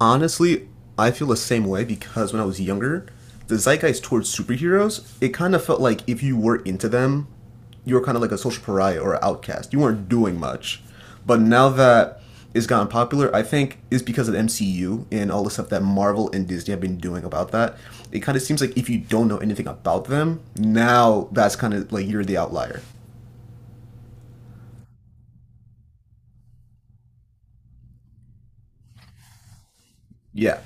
Honestly, I feel the same way because when I was younger, the zeitgeist towards superheroes, it kind of felt like if you were into them, you were kind of like a social pariah or an outcast. You weren't doing much. But now that it's gotten popular, I think is because of the MCU and all the stuff that Marvel and Disney have been doing about that. It kind of seems like if you don't know anything about them, now that's kind of like you're the outlier. Yeah.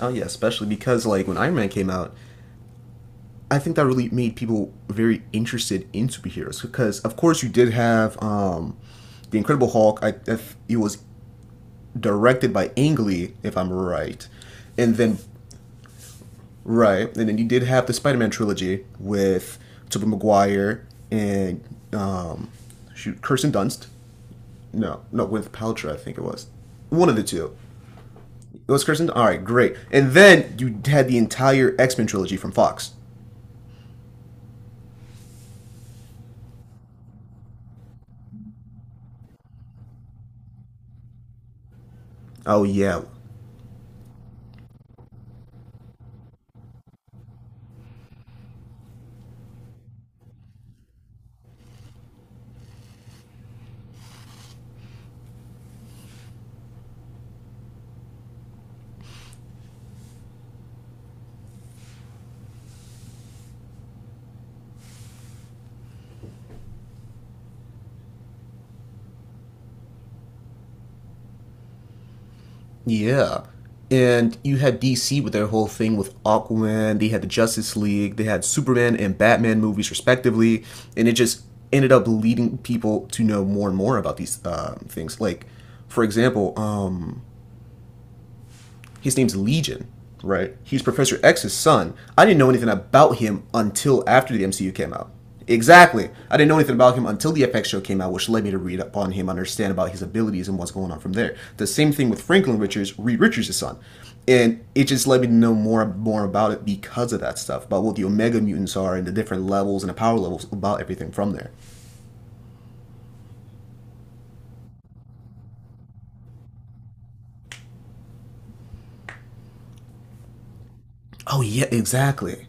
Oh yeah, especially because like when Iron Man came out, I think that really made people very interested in superheroes because, of course, you did have the Incredible Hulk. I, if it was directed by Ang Lee, if I'm and then right, and then you did have the Spider-Man trilogy with Tobey Maguire and um, shoot Kirsten Dunst. No, no, with Paltrow, I think it was one of the two. It was Kirsten. All right, great. And then you had the entire X Men trilogy from Fox. Oh yeah. Yeah. And you had DC with their whole thing with Aquaman, they had the Justice League, they had Superman and Batman movies respectively, and it just ended up leading people to know more and more about these things. Like, for example, his name's Legion, right? He's Professor X's son. I didn't know anything about him until after the MCU came out. Exactly. I didn't know anything about him until the FX show came out, which led me to read up on him, understand about his abilities and what's going on from there. The same thing with Franklin Richards, Reed Richards' son. And it just led me to know more about it because of that stuff, about what the Omega mutants are and the different levels and the power levels about everything from there. Oh yeah, exactly.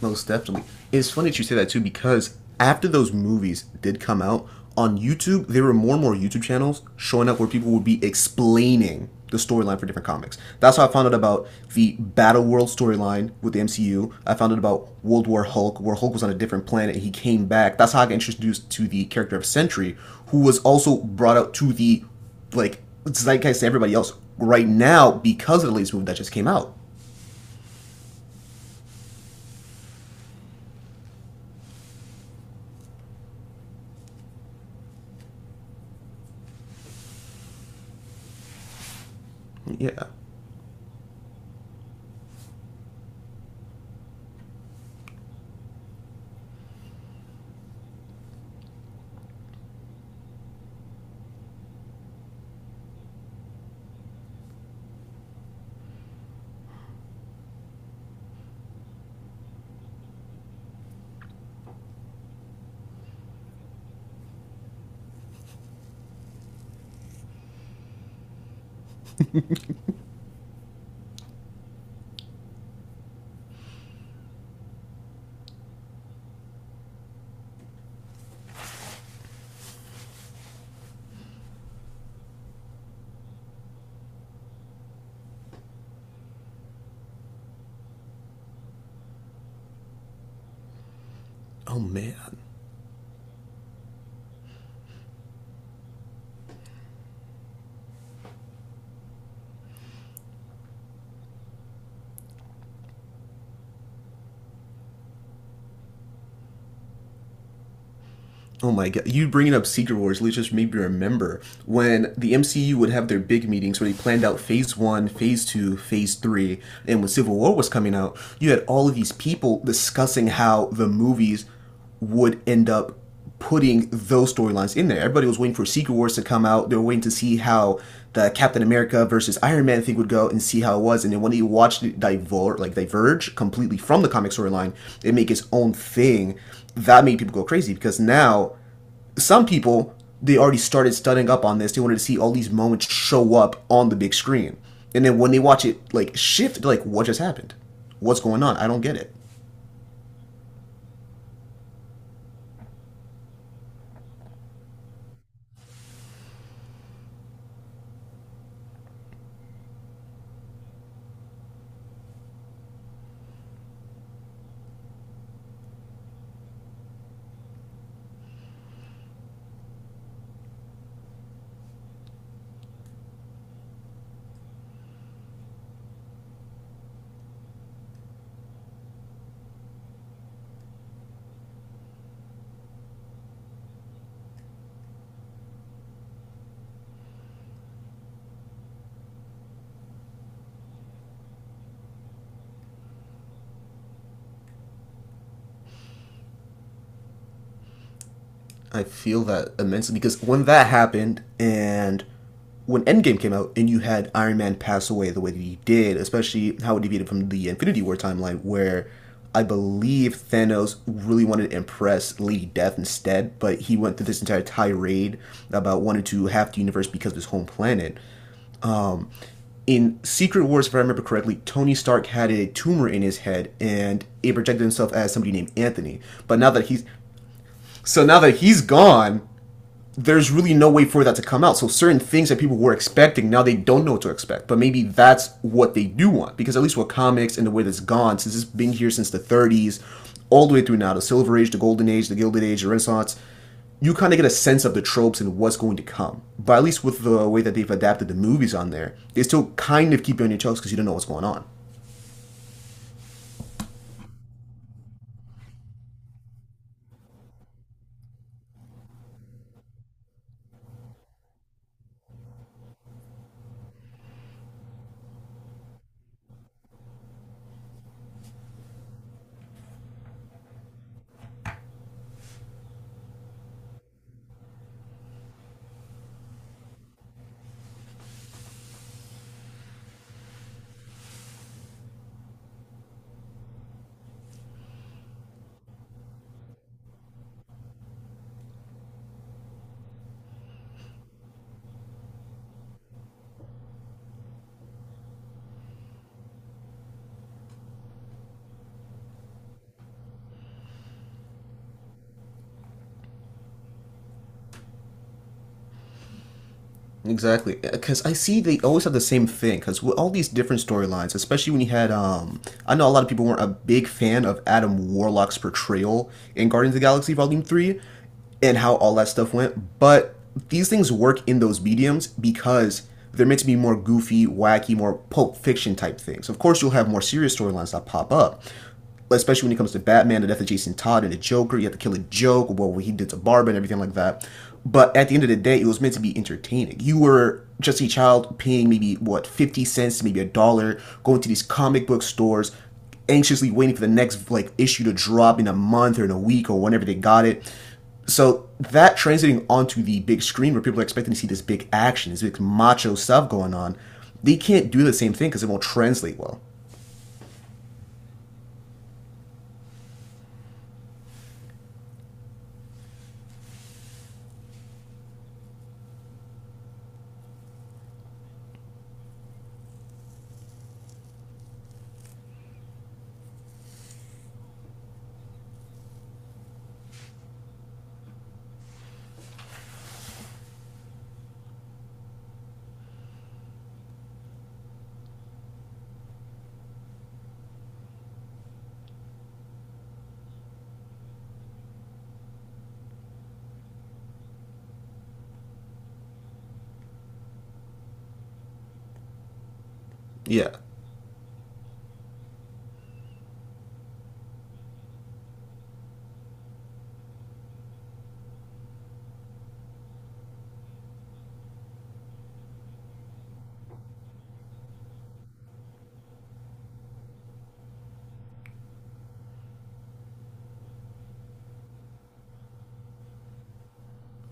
Most definitely. It's funny that you say that too because after those movies did come out on YouTube, there were more and more YouTube channels showing up where people would be explaining the storyline for different comics. That's how I found out about the Battle World storyline with the MCU. I found out about World War Hulk, where Hulk was on a different planet and he came back. That's how I got introduced to the character of Sentry, who was also brought out to the like zeitgeist to everybody else right now because of the latest movie that just came out. Yeah. Oh man. Oh my god! You bringing up Secret Wars at least just made me remember when the MCU would have their big meetings where they planned out Phase One, Phase Two, Phase Three, and when Civil War was coming out, you had all of these people discussing how the movies would end up putting those storylines in there. Everybody was waiting for Secret Wars to come out. They were waiting to see how the Captain America versus Iron Man thing would go and see how it was. And then when he watched it divert, like diverge completely from the comic storyline and make his own thing, that made people go crazy because now some people they already started studying up on this. They wanted to see all these moments show up on the big screen. And then when they watch it like shift, like, what just happened? What's going on? I don't get it. I feel that immensely because when that happened and when Endgame came out and you had Iron Man pass away the way that he did, especially how it deviated from the Infinity War timeline where I believe Thanos really wanted to impress Lady Death instead, but he went through this entire tirade about wanting to have the universe because of his home planet. In Secret Wars, if I remember correctly, Tony Stark had a tumor in his head and it projected himself as somebody named Anthony. But now that he's So now that he's gone, there's really no way for that to come out. So certain things that people were expecting now they don't know what to expect. But maybe that's what they do want because at least with comics and the way that's gone since it's been here since the 30s, all the way through now the Silver Age, the Golden Age, the Gilded Age, the Renaissance. You kind of get a sense of the tropes and what's going to come. But at least with the way that they've adapted the movies on there, they still kind of keep you on your toes because you don't know what's going on. Exactly, because I see they always have the same thing. Because with all these different storylines, especially when you had, I know a lot of people weren't a big fan of Adam Warlock's portrayal in Guardians of the Galaxy Volume Three, and how all that stuff went. But these things work in those mediums because they're meant to be more goofy, wacky, more Pulp Fiction type things. Of course, you'll have more serious storylines that pop up, especially when it comes to Batman, the death of Jason Todd and the Joker. You have to kill a joke, well, what he did to Barbara and everything like that. But at the end of the day, it was meant to be entertaining. You were just a child paying maybe what 50 cents, maybe a dollar, going to these comic book stores, anxiously waiting for the next like issue to drop in a month or in a week or whenever they got it. So that translating onto the big screen where people are expecting to see this big action, this big macho stuff going on, they can't do the same thing because it won't translate well. Yeah.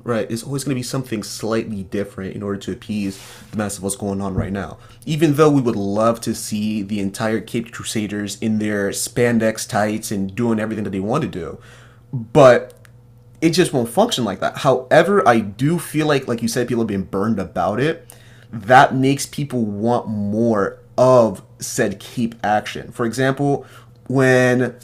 Right, it's always going to be something slightly different in order to appease the mass of what's going on right now. Even though we would love to see the entire Caped Crusaders in their spandex tights and doing everything that they want to do, but it just won't function like that. However, I do feel like you said, people have been burned about it. That makes people want more of said cape action. For example, when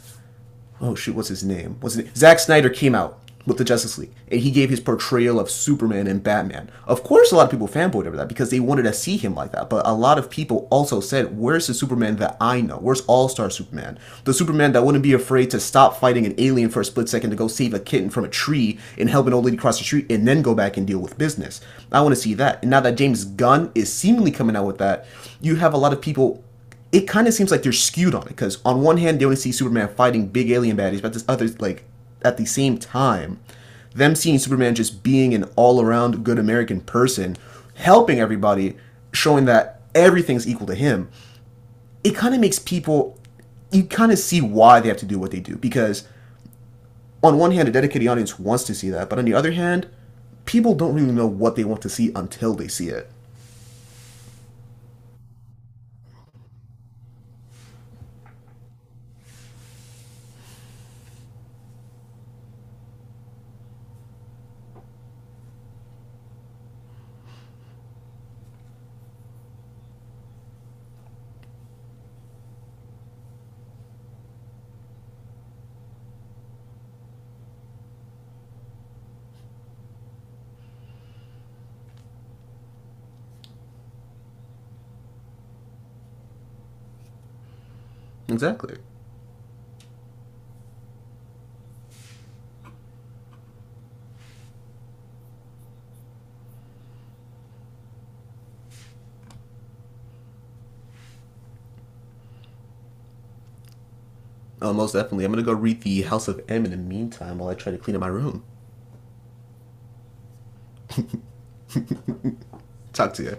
oh shoot, what's his name? What's his name? Zack Snyder came out with the Justice League, and he gave his portrayal of Superman and Batman. Of course, a lot of people fanboyed over that because they wanted to see him like that. But a lot of people also said, "Where's the Superman that I know? Where's All Star Superman? The Superman that wouldn't be afraid to stop fighting an alien for a split second to go save a kitten from a tree and help an old lady cross the street, and then go back and deal with business. I want to see that." And now that James Gunn is seemingly coming out with that, you have a lot of people it kind of seems like they're skewed on it because on one hand they only see Superman fighting big alien baddies, but this other like at the same time, them seeing Superman just being an all-around good American person, helping everybody, showing that everything's equal to him. It kind of makes people you kind of see why they have to do what they do because on one hand a dedicated audience wants to see that, but on the other hand, people don't really know what they want to see until they see it. Exactly. Oh, most definitely. I'm gonna go read the House of M in the meantime while I try to clean up my room. Talk to you.